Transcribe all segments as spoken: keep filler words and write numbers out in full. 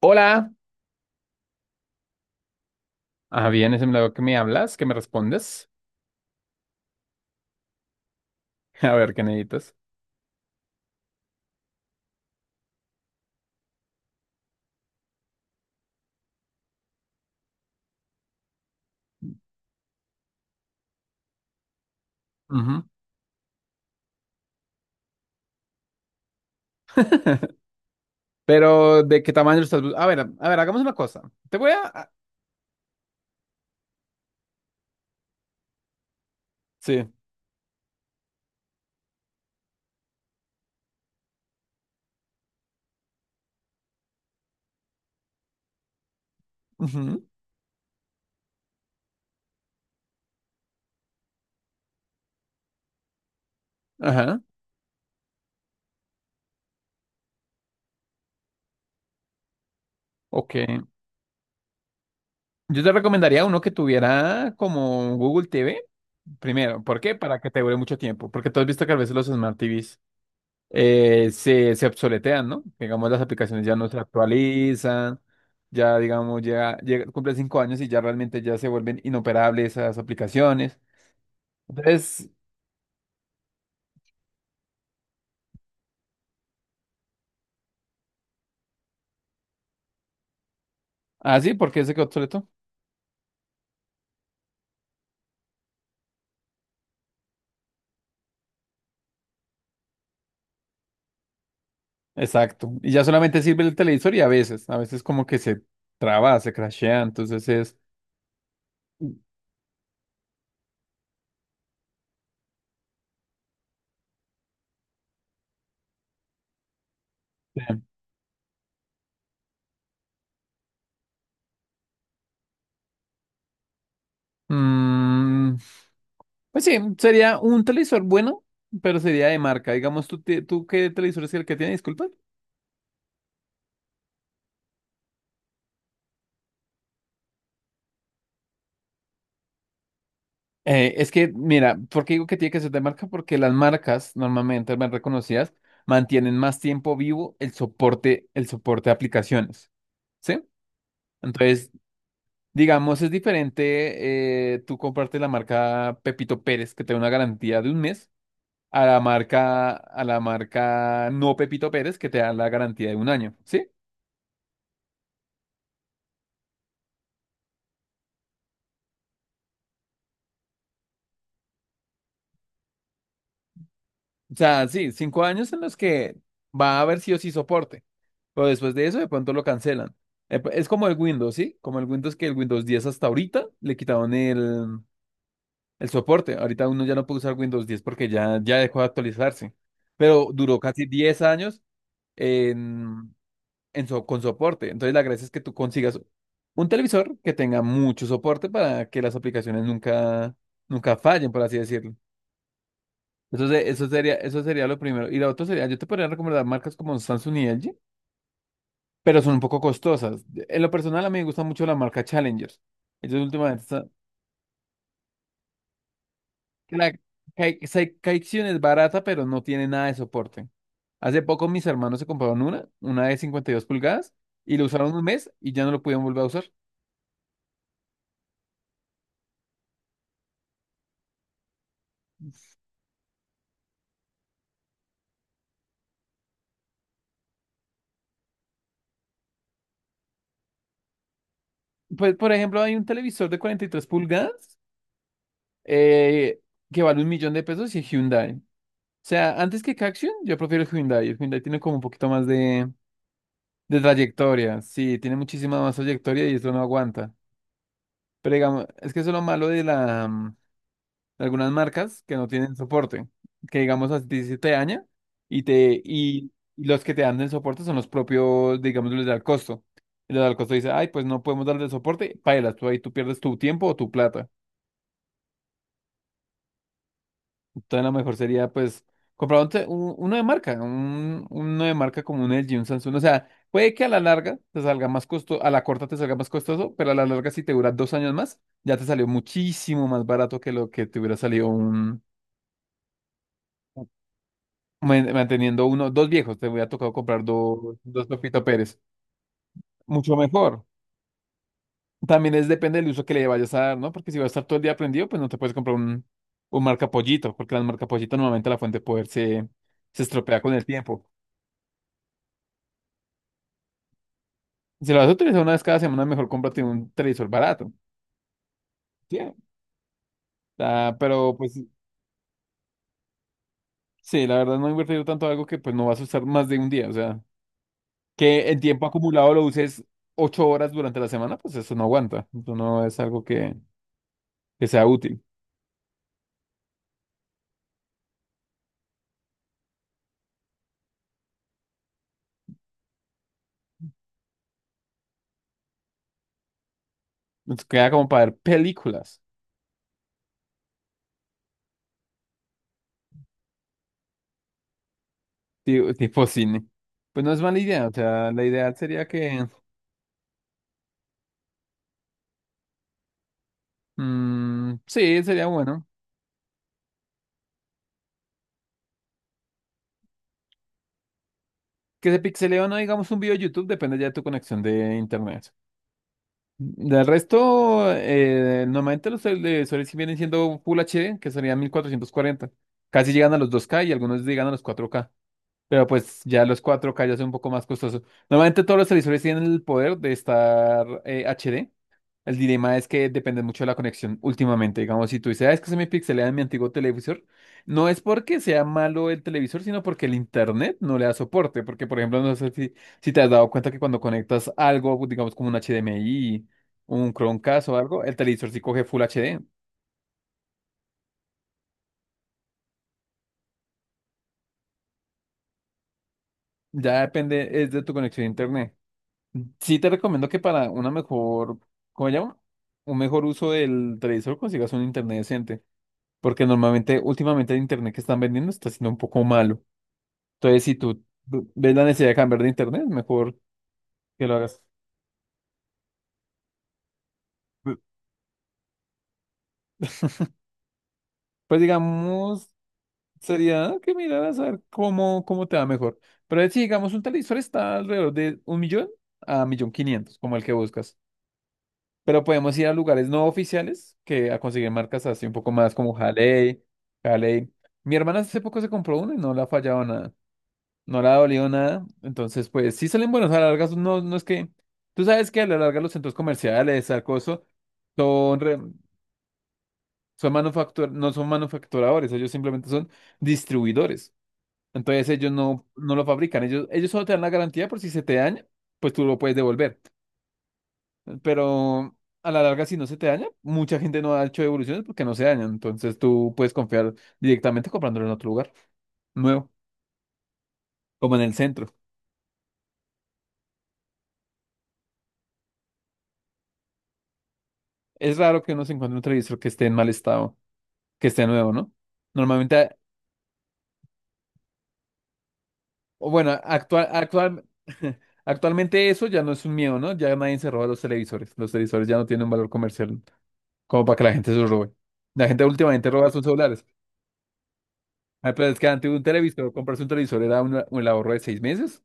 Hola. Ah, bien, es el milagro que me hablas, que me respondes. A ver, ¿qué necesitas? Ujú. Pero, ¿de qué tamaño lo estás? bus- A ver, a ver, hagamos una cosa. Te voy a... a- Sí. Ujú. Ajá. Ok. Yo te recomendaría uno que tuviera como Google T V. Primero, ¿por qué? Para que te dure mucho tiempo. Porque tú has visto que a veces los Smart T Vs eh, se, se obsoletean, ¿no? Digamos, las aplicaciones ya no se actualizan, ya, digamos, ya, llega- cumple cinco años y ya realmente ya se vuelven inoperables esas aplicaciones. Entonces, así, porque se quedó obsoleto. Exacto. Y ya solamente sirve el televisor y a veces, a veces como que se traba, se crashea, entonces es... Mm, pues sí, sería un televisor bueno, pero sería de marca. Digamos, ¿tú, te- tú qué televisor es el que tiene? Disculpa. Eh, es que, mira, ¿por qué digo que tiene que ser de marca? Porque las marcas normalmente más reconocidas mantienen más tiempo vivo el soporte, el soporte de aplicaciones, ¿sí? Entonces, digamos, es diferente eh, tú comprarte la marca Pepito Pérez, que te da una garantía de un mes, a la marca, a la marca no Pepito Pérez, que te da la garantía de un año, ¿sí? O sea, sí, cinco años en los que va a haber sí o sí soporte. Pero después de eso, de pronto lo cancelan. Eh, pues, Es como el Windows, ¿sí? Como el Windows, que el Windows diez hasta ahorita le quitaron el, el soporte. Ahorita uno ya no puede usar Windows diez porque ya, ya dejó de actualizarse. Pero duró casi diez años en, en so- con soporte. Entonces la gracia es que tú consigas un televisor que tenga mucho soporte para que las aplicaciones nunca, nunca fallen, por así decirlo. Eso, se- eso sería, eso sería lo primero. Y lo otro sería, yo te podría recomendar marcas como Samsung y L G, pero son un poco costosas. En lo personal, a mí me gusta mucho la marca Challenger. Ellos últimamente están... Que la Kai- Sai- Kaikion es barata, pero no tiene nada de soporte. Hace poco mis hermanos se compraron una, una de cincuenta y dos pulgadas, y lo usaron un mes y ya no lo pudieron volver a usar. Pues, por ejemplo, hay un televisor de cuarenta y tres pulgadas eh, que vale un millón de pesos y es Hyundai. O sea, antes que Caxion, yo prefiero el Hyundai. El Hyundai tiene como un poquito más de, de trayectoria. Sí, tiene muchísima más trayectoria y esto no aguanta. Pero digamos, es que eso es lo malo de la, mm, de algunas marcas que no tienen soporte. Que digamos a ti se te daña y te, y, y los que te dan el soporte son los propios, digamos, los del costo. Y los del costo dice, ay, pues no podemos darle soporte, pailas, tú ahí tú pierdes tu tiempo o tu plata. Entonces, lo mejor sería, pues, comprar un te- un- uno de marca, un, uno de marca como un L G, un Samsung. O sea, puede que a la larga te salga más costoso, a la corta te salga más costoso, pero a la larga, si te dura dos años más, ya te salió muchísimo más barato que lo que te hubiera salido un, man- manteniendo uno, dos viejos. Te hubiera tocado comprar dos, dos Pepito Pérez. Mucho mejor. También es depende del uso que le vayas a dar, ¿no? Porque si vas a estar todo el día prendido, pues no te puedes comprar un, un marca pollito, porque las marca pollito normalmente la fuente de poder se, se estropea con el tiempo. Si lo vas a utilizar una vez cada semana, mejor cómprate un televisor barato. ¿Sí? Ah, pero pues sí, la verdad no he invertido tanto en algo que pues no vas a usar más de un día. O sea, que el tiempo acumulado lo uses ocho horas durante la semana, pues eso no aguanta. Eso no es algo que, que sea útil. Nos queda como para ver películas, ti- tipo, cine. Pues no es mala idea. O sea, la ideal sería que... Mm, sí, sería bueno. Que se pixelee o no, digamos, un video de YouTube, depende ya de tu conexión de internet. Del resto, eh, normalmente los tel- de Sony sí vienen siendo Full H D, que serían mil cuatrocientos cuarenta. Casi llegan a los dos k y algunos llegan a los cuatro k. Pero pues ya los cuatro k ya son un poco más costosos. Normalmente todos los televisores tienen el poder de estar eh, H D. El dilema es que depende mucho de la conexión últimamente. Digamos, si tú dices, "Ah, es que se me pixelea en mi antiguo televisor, no es porque sea malo el televisor, sino porque el internet no le da soporte". Porque, por ejemplo, no sé si, si te has dado cuenta que cuando conectas algo, digamos, como un H D M I, un Chromecast o algo, el televisor sí coge Full H D. Ya depende, es de tu conexión a internet. Sí te recomiendo que para una mejor, ¿cómo se llama? Un mejor uso del televisor consigas un internet decente. Porque normalmente, últimamente el internet que están vendiendo está siendo un poco malo. Entonces, si tú ves la necesidad de cambiar de internet, mejor que lo hagas. Pues digamos, sería que miraras a ver cómo, cómo te va mejor. Pero si digamos un televisor está alrededor de un millón a millón quinientos, como el que buscas. Pero podemos ir a lugares no oficiales que a conseguir marcas así un poco más como Halley, Halley. Mi hermana hace poco se compró uno y no le ha fallado nada, no le ha dolido nada. Entonces, pues sí salen buenos a la larga. No, no es que. Tú sabes que a la larga los centros comerciales, al coso, son, re- son manufactur- no son manufacturadores, ellos simplemente son distribuidores. Entonces ellos no, no lo fabrican, ellos, ellos solo te dan la garantía por si se te daña, pues tú lo puedes devolver. Pero a la larga, si no se te daña, mucha gente no ha hecho devoluciones porque no se dañan. Entonces tú puedes confiar directamente comprándolo en otro lugar nuevo, como en el centro. Es raro que uno se encuentre un televisor que esté en mal estado, que esté nuevo, ¿no? Normalmente, o bueno, actual, actual, actualmente eso ya no es un miedo, ¿no? Ya nadie se roba los televisores. Los televisores ya no tienen un valor comercial como para que la gente se los robe. La gente últimamente roba sus celulares. Ay, pero es que antes un televisor, comprarse un televisor era un, un ahorro de seis meses.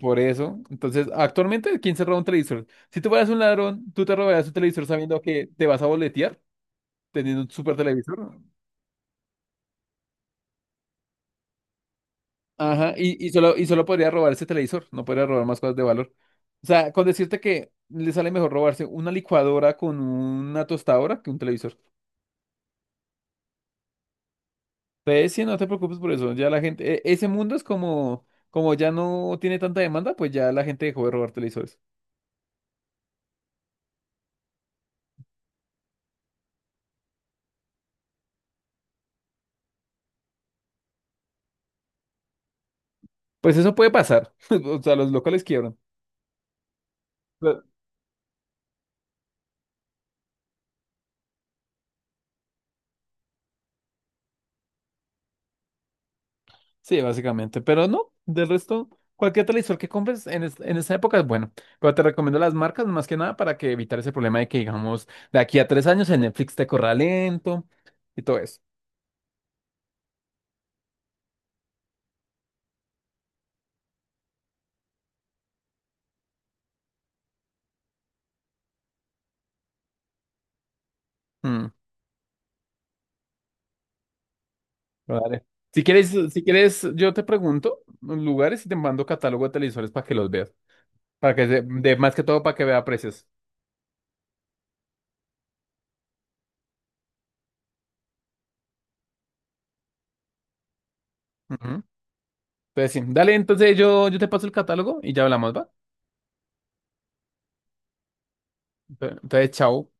Por eso. Entonces, actualmente, ¿quién se roba un televisor? Si tú fueras un ladrón, ¿tú te robarías un televisor sabiendo que te vas a boletear teniendo un super televisor? Ajá, y, y solo, y solo podría robar ese televisor, no podría robar más cosas de valor. O sea, con decirte que le sale mejor robarse una licuadora con una tostadora que un televisor. Entonces, sí, no te preocupes por eso. Ya la gente, e- ese mundo es como, como ya no tiene tanta demanda, pues ya la gente dejó de robar televisores. Pues eso puede pasar. O sea, los locales quiebran. Sí, básicamente, pero no, del resto, cualquier televisor que compres en, es- en esa época es bueno, pero te recomiendo las marcas más que nada para que evitar ese problema de que, digamos, de aquí a tres años el Netflix te corra lento y todo eso. Mm, vale. Si quieres, si quieres, yo te pregunto los lugares y te mando catálogo de televisores para que los veas, para que, se- de, más que todo para que vea precios. Ujú. Entonces, sí, dale, entonces yo, yo te paso el catálogo y ya hablamos, ¿va? Entonces, chao.